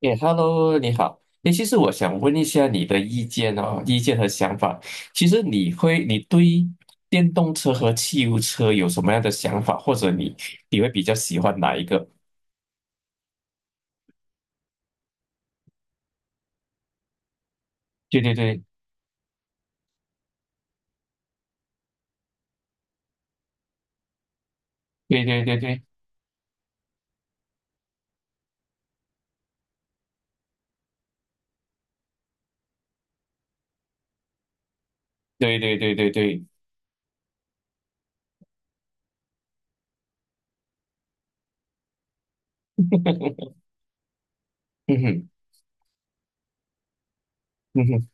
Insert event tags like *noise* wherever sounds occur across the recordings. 哎，Hello，你好。哎，其实我想问一下你的意见哦，意见和想法。其实你对电动车和汽油车有什么样的想法，或者你会比较喜欢哪一个？对对对对对对对对对对对对，*laughs* 嗯哼嗯哼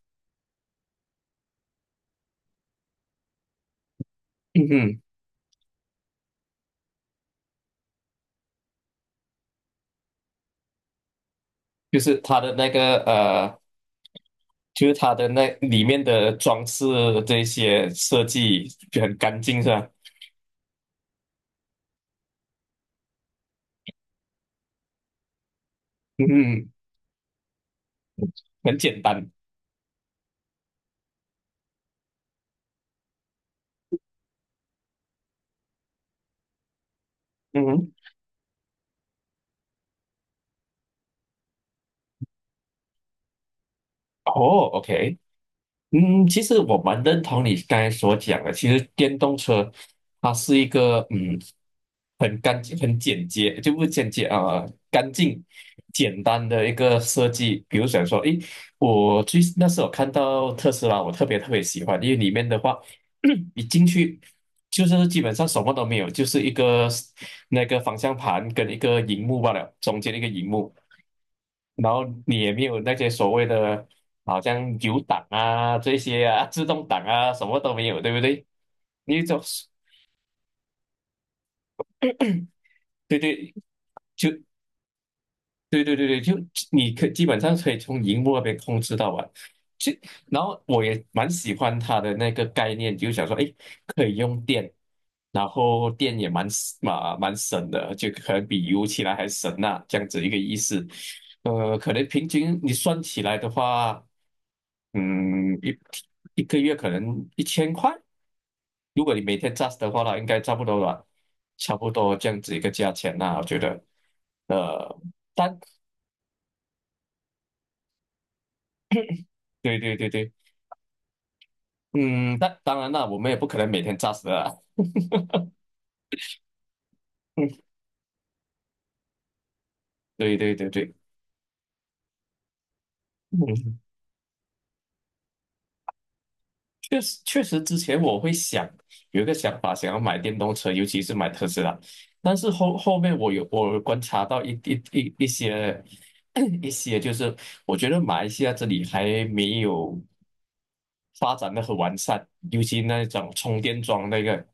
嗯哼，就是它的那个就是它的那里面的装饰这些设计就很干净是吧？嗯哼，很简单。嗯哼，哦，OK，嗯，其实我蛮认同你刚才所讲的。其实电动车它是一个嗯，很干净、很简洁，就不是简洁啊、干净、简单的一个设计。比如想说，诶，我最那时候看到特斯拉，我特别特别喜欢，因为里面的话，*clears throat* 你进去就是基本上什么都没有，就是一个那个方向盘跟一个荧幕罢了，中间一个荧幕。然后你也没有那些所谓的，好像有档啊这些啊，*laughs* 自动挡啊，什么都没有，对不对？你就是对对，就对对对对，就你可基本上可以从荧幕那边控制到啊。就然后我也蛮喜欢它的那个概念，就想说，哎，可以用电，然后电也蛮省的，就可能比油起来还省呐、这样子一个意思。呃，可能平均你算起来的话。嗯，一个月可能1000块，如果你每天 j u 的话啦，应该差不多吧，差不多这样子一个价钱啦，我觉得，呃，但对对对对，嗯，但当然啦，我们也不可能每天 just 的啦，*laughs* 对对对对，嗯确实，确实，之前我会想有一个想法，想要买电动车，尤其是买特斯拉。但是后面我有观察到一些 *coughs* *clears throat* 一些，就是我觉得马来西亚这里还没有发展的很完善，尤其那种充电桩那个。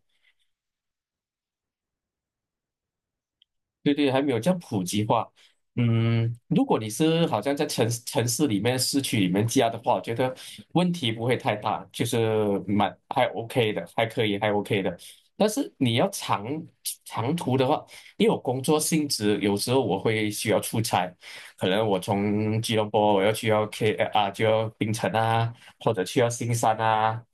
对对，还没有这样普及化。嗯，如果你是好像在城市里面、市区里面加的话，我觉得问题不会太大，就是蛮还 OK 的，还可以，还 OK 的。但是你要长途的话，因为我工作性质，有时候我会需要出差，可能我从吉隆坡我要去到 K 啊，就要槟城啊，或者去到新山啊。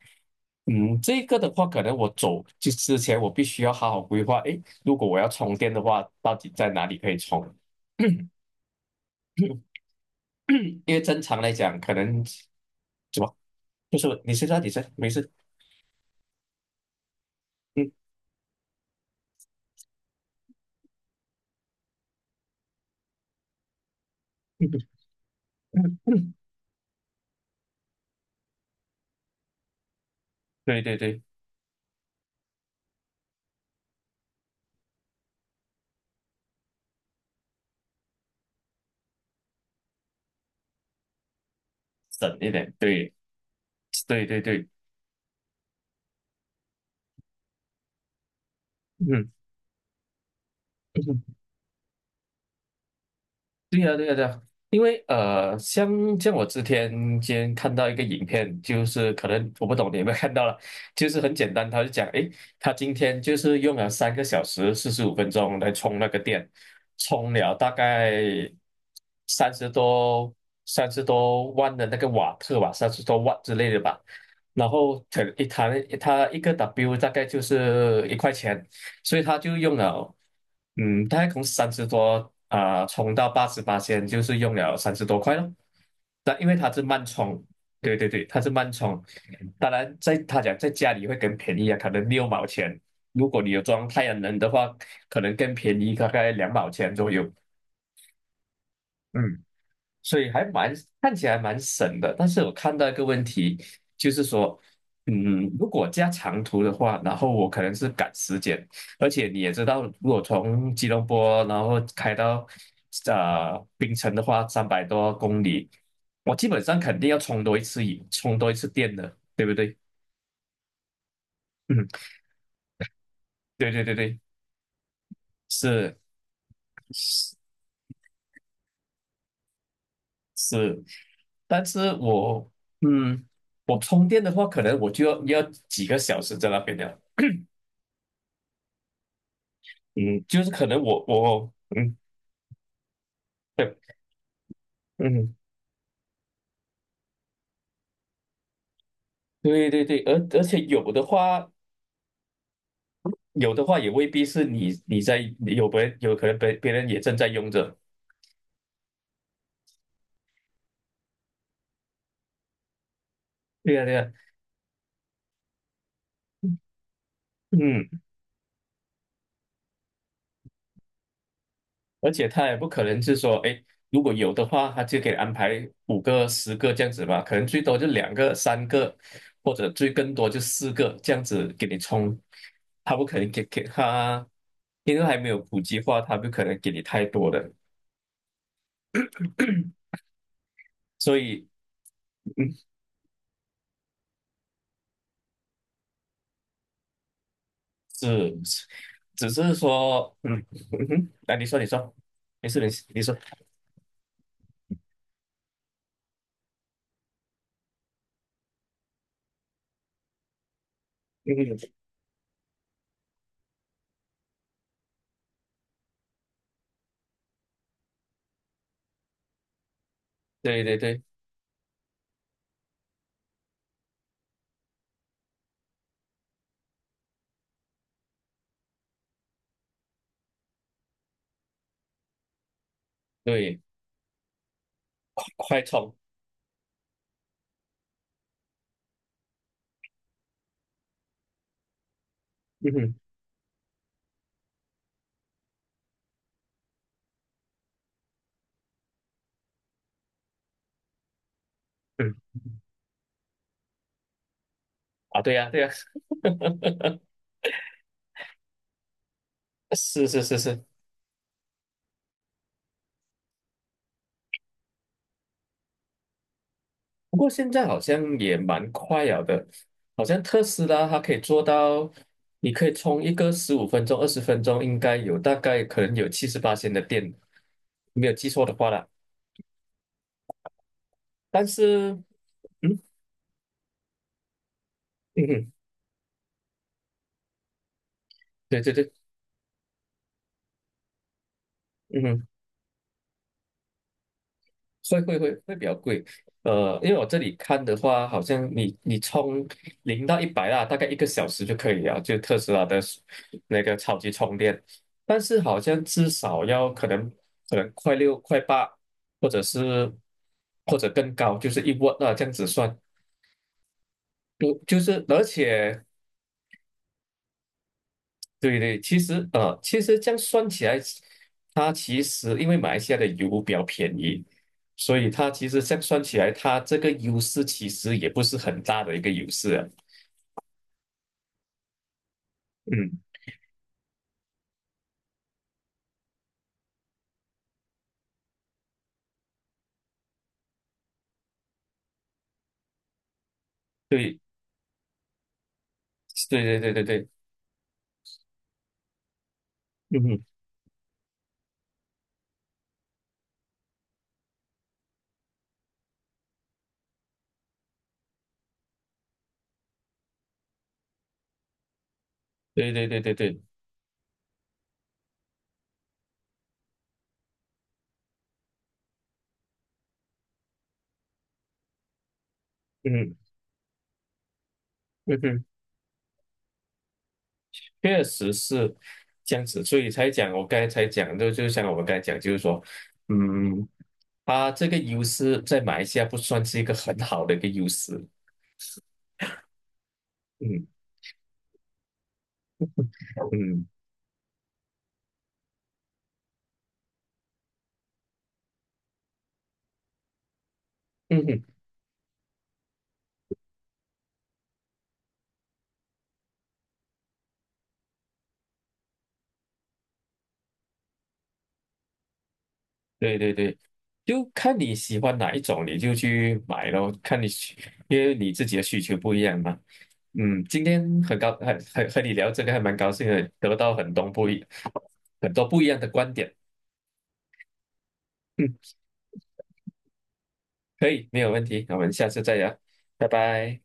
嗯，这个的话，可能我走就之前，我必须要好好规划。诶，如果我要充电的话，到底在哪里可以充？*coughs* *clears throat* 因为正常来讲，可能怎么就是你先说，你先没事。嗯嗯嗯，*laughs* 对对对，省一点，对对对对，嗯。对呀，对呀，对呀，因为像我之前今天看到一个影片，就是可能我不懂你有没有看到了，就是很简单，他就讲，诶，他今天就是用了3个小时45分钟来充那个电，充了大概三十多三十多万的那个瓦特吧，三十多万之类的吧，然后可一谈他一个 W 大概就是一块钱，所以他就用了，嗯，大概从三十多啊、充到88仙，就是用了30多块咯。但因为它是慢充，对对对，它是慢充。当然在，他讲在家里会更便宜啊，可能6毛钱。如果你有装太阳能的话，可能更便宜，大概2毛钱左右。嗯，所以还蛮看起来蛮省的。但是我看到一个问题，就是说，嗯，如果加长途的话，然后我可能是赶时间，而且你也知道，如果从吉隆坡然后开到槟城的话，300多公里，我基本上肯定要充多一次油，充多一次电的，对不对？嗯，对对对对，是是，是但是嗯，我充电的话，可能我就要要几个小时在那边了。嗯，就是可能我嗯对嗯对对对，而且有的话有的话也未必是你你在有别人有可能别人也正在用着，对呀对呀，嗯，而且他也不可能是说，哎，如果有的话，他就给安排5个10个这样子吧，可能最多就2个3个，或者最更多就4个这样子给你充，他不可能给给他，因为还没有普及化，他不可能给你太多的，所以。嗯是，只是说，嗯，嗯哼，来，你说，你说，没事，没事，你说，嗯，对对对对，快充，嗯哼，嗯，啊，对呀、对呀、*laughs* 是是是是，不过现在好像也蛮快了的，好像特斯拉它可以做到，你可以充一个15分钟、20分钟，应该有大概可能有78的电，没有记错的话啦。但是，嗯嗯哼，对对对，嗯哼。会会会会比较贵，呃，因为我这里看的话，好像你充0到100啊，大概一个小时就可以了，就特斯拉的那个超级充电，但是好像至少要可能快六快八，或者是或者更高，就是一瓦那这样子算，而且对对，其实其实这样算起来，它其实因为马来西亚的油比较便宜，所以它其实这样算起来，它这个优势其实也不是很大的一个优势啊。嗯，对，对对对对对，嗯哼，对对对对对，嗯嗯哼，确实是这样子，所以才讲我刚才才讲，就像我们刚才讲，就是说，嗯，它这个优势在马来西亚不算是一个很好的一个优势。嗯嗯嗯哼。对对对，就看你喜欢哪一种，你就去买咯。看你需因为你自己的需求不一样嘛。嗯，今天很高，很很和你聊这个还蛮高兴的，得到很多不一样的观点。嗯，可以，没有问题，那我们下次再聊，拜拜。